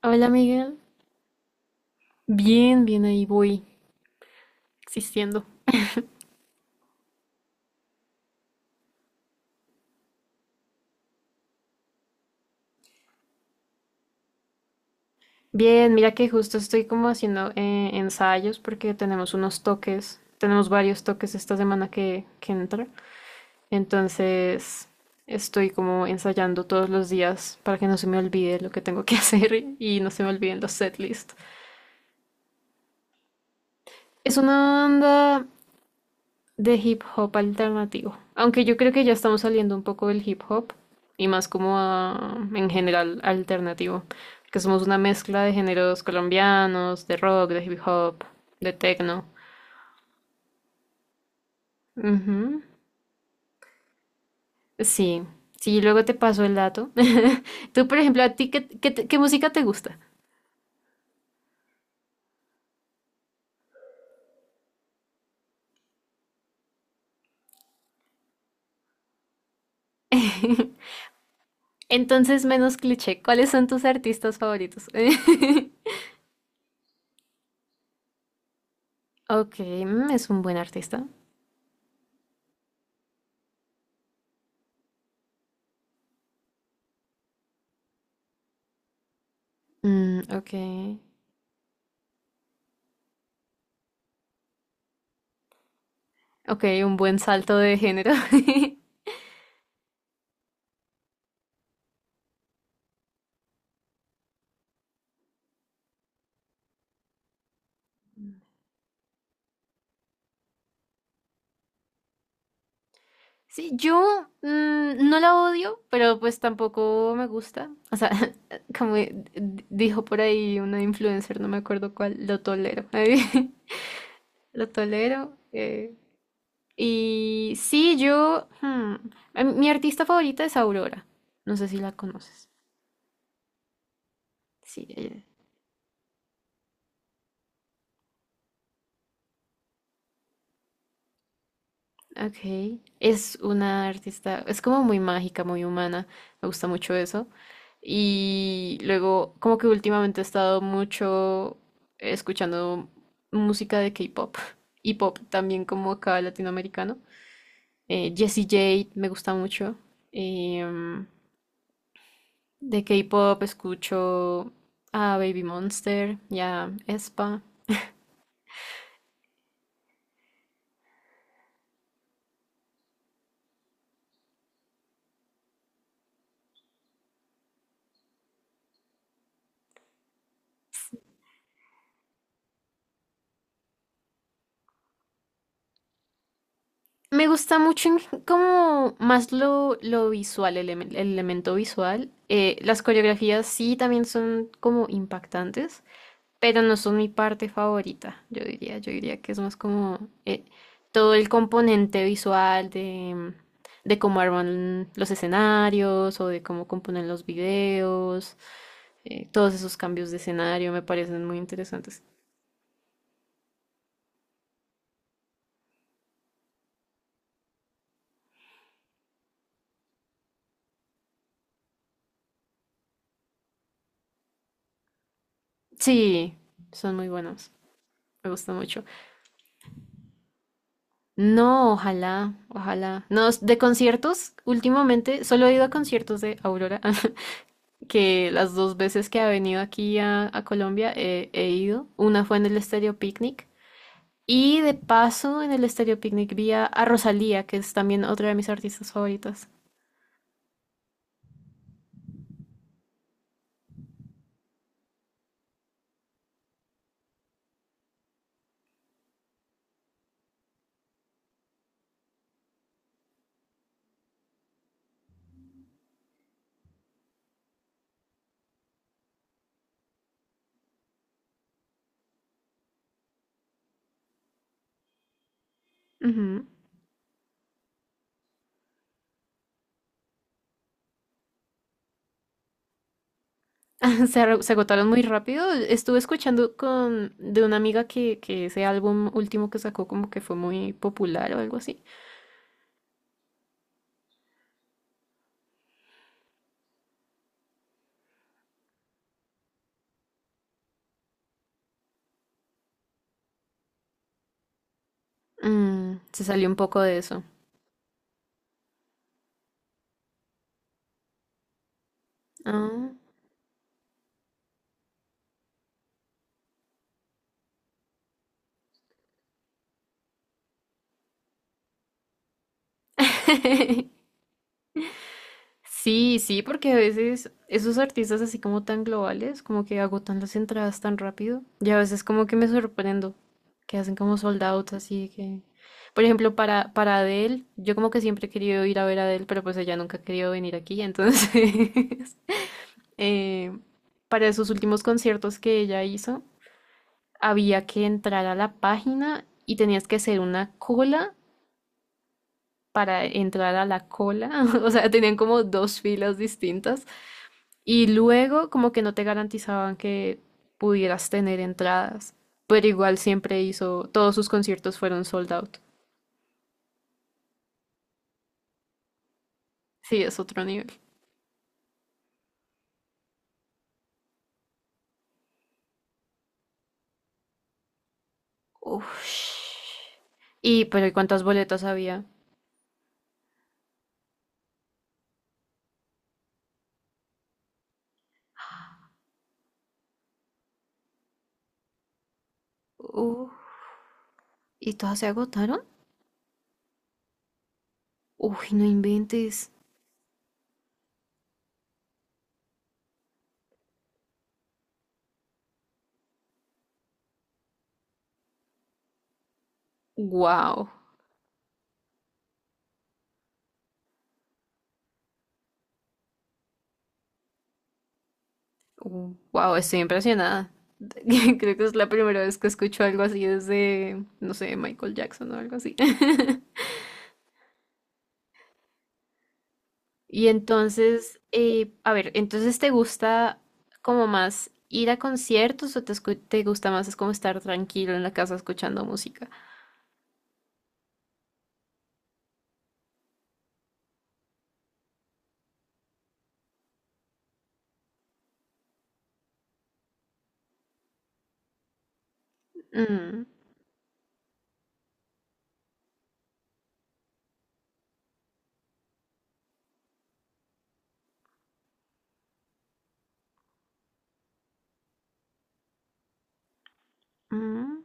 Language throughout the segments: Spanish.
Hola Miguel. Bien, bien, ahí voy, existiendo. Bien, mira que justo estoy como haciendo ensayos porque tenemos unos toques, tenemos varios toques esta semana que entra. Entonces estoy como ensayando todos los días para que no se me olvide lo que tengo que hacer y no se me olviden los setlists. Es una banda de hip hop alternativo. Aunque yo creo que ya estamos saliendo un poco del hip hop y más como en general alternativo, que somos una mezcla de géneros colombianos, de rock, de hip hop, de techno. Ujú. Sí, sí, luego te paso el dato. Tú, por ejemplo, ¿a ti qué música te gusta? Entonces, menos cliché, ¿cuáles son tus artistas favoritos? Ok, mm, es un buen artista. Mm, ok. Ok, un buen salto de género. Sí, yo no la odio, pero pues tampoco me gusta. O sea, como dijo por ahí una influencer, no me acuerdo cuál, lo tolero. Lo tolero. Y sí, mi artista favorita es Aurora. No sé si la conoces. Sí, ella. Ok. Es una artista, es como muy mágica, muy humana. Me gusta mucho eso. Y luego, como que últimamente he estado mucho escuchando música de K-pop y pop también como acá latinoamericano. Jessie J me gusta mucho. Em, de K-pop escucho a Baby Monster y a aespa. Me gusta mucho en como más lo visual, el elemento visual. Las coreografías sí también son como impactantes, pero no son mi parte favorita, yo diría que es más como eh, todo el componente visual de cómo arman los escenarios o de cómo componen los videos, todos esos cambios de escenario me parecen muy interesantes. Sí, son muy buenos, me gusta mucho. No, ojalá, ojalá. No, de conciertos, últimamente solo he ido a conciertos de Aurora. Que las dos veces que ha venido aquí a Colombia he ido. Una fue en el Estéreo Picnic y de paso en el Estéreo Picnic vi a Rosalía, que es también otra de mis artistas favoritas. Ujú. Se agotaron muy rápido. Estuve escuchando con de una amiga que ese álbum último que sacó como que fue muy popular o algo así. Mm, se salió un poco de eso. Ah. Sí, sí, porque a veces esos artistas así como tan globales, como que agotan las entradas tan rápido. Y a veces como que me sorprendo, que hacen como sold out, así que... Por ejemplo, para Adele, yo como que siempre he querido ir a ver a Adele, pero pues ella nunca ha querido venir aquí, entonces... eh, para esos últimos conciertos que ella hizo, había que entrar a la página y tenías que hacer una cola para entrar a la cola. O sea, tenían como dos filas distintas. Y luego como que no te garantizaban que pudieras tener entradas, pero igual siempre hizo, todos sus conciertos fueron sold out. Sí, es otro nivel. Uf. Y, pero ¿y cuántas boletas había? Uf. ¿Y todas se agotaron? Uy, no inventes. Wow. Wow, estoy impresionada. Creo que es la primera vez que escucho algo así desde, no sé, Michael Jackson o algo así. Y entonces, a ver, entonces ¿te gusta como más ir a conciertos o te gusta más es como estar tranquilo en la casa escuchando música? Mm, mm,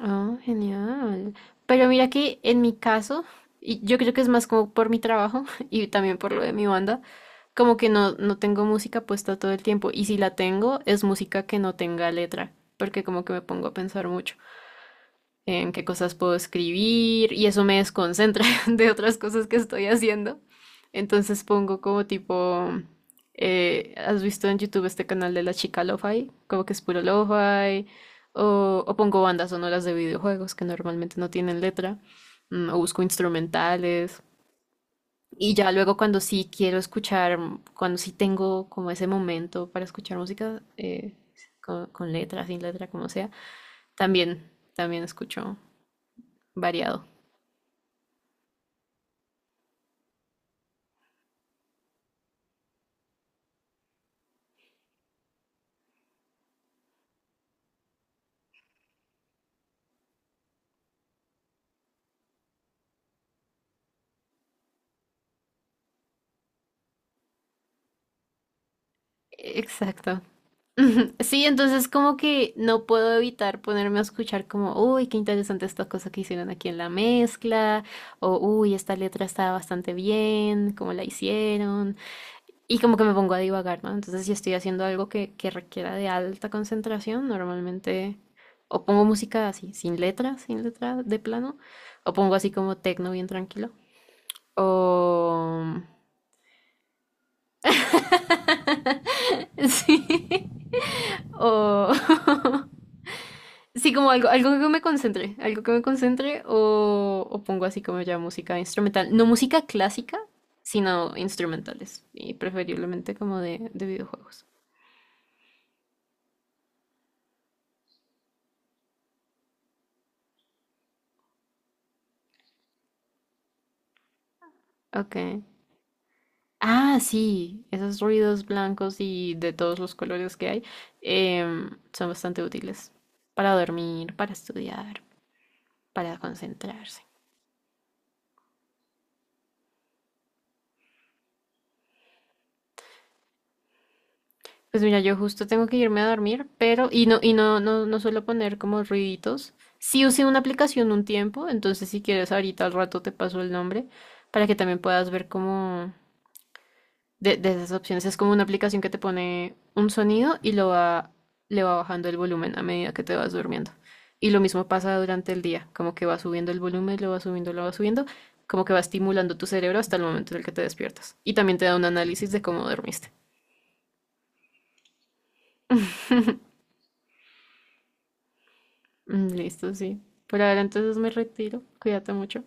oh, genial. Pero mira que en mi caso, y yo creo que es más como por mi trabajo y también por lo de mi banda, como que no tengo música puesta todo el tiempo. Y si la tengo, es música que no tenga letra, porque como que me pongo a pensar mucho en qué cosas puedo escribir y eso me desconcentra de otras cosas que estoy haciendo. Entonces pongo como tipo, ¿has visto en YouTube este canal de la chica lo-fi? Como que es puro lo-fi. O pongo bandas sonoras de videojuegos que normalmente no tienen letra. O busco instrumentales. Y ya luego cuando sí quiero escuchar, cuando sí tengo como ese momento para escuchar música, con letra, sin letra, como sea, también, también escucho variado. Exacto. Sí, entonces como que no puedo evitar ponerme a escuchar como, uy, qué interesante esta cosa que hicieron aquí en la mezcla, o uy, esta letra está bastante bien, cómo la hicieron, y como que me pongo a divagar, ¿no? Entonces si estoy haciendo algo que requiera de alta concentración, normalmente o pongo música así, sin letra, sin letra de plano, o pongo así como tecno bien tranquilo, o... Sí. O, sí, como algo, algo que me concentre, algo que me concentre o pongo así como ya música instrumental. No música clásica, sino instrumentales y preferiblemente como de videojuegos. Ok. Ah, sí, esos ruidos blancos y de todos los colores que hay son bastante útiles para dormir, para estudiar, para concentrarse. Pues mira, yo justo tengo que irme a dormir, pero, y no suelo poner como ruiditos. Sí usé una aplicación un tiempo, entonces si quieres ahorita al rato te paso el nombre para que también puedas ver como de esas opciones. Es como una aplicación que te pone un sonido y le va bajando el volumen a medida que te vas durmiendo. Y lo mismo pasa durante el día, como que va subiendo el volumen, lo va subiendo, como que va estimulando tu cerebro hasta el momento en el que te despiertas. Y también te da un análisis de cómo dormiste. Mm, listo, sí. Por ahora entonces me retiro. Cuídate mucho.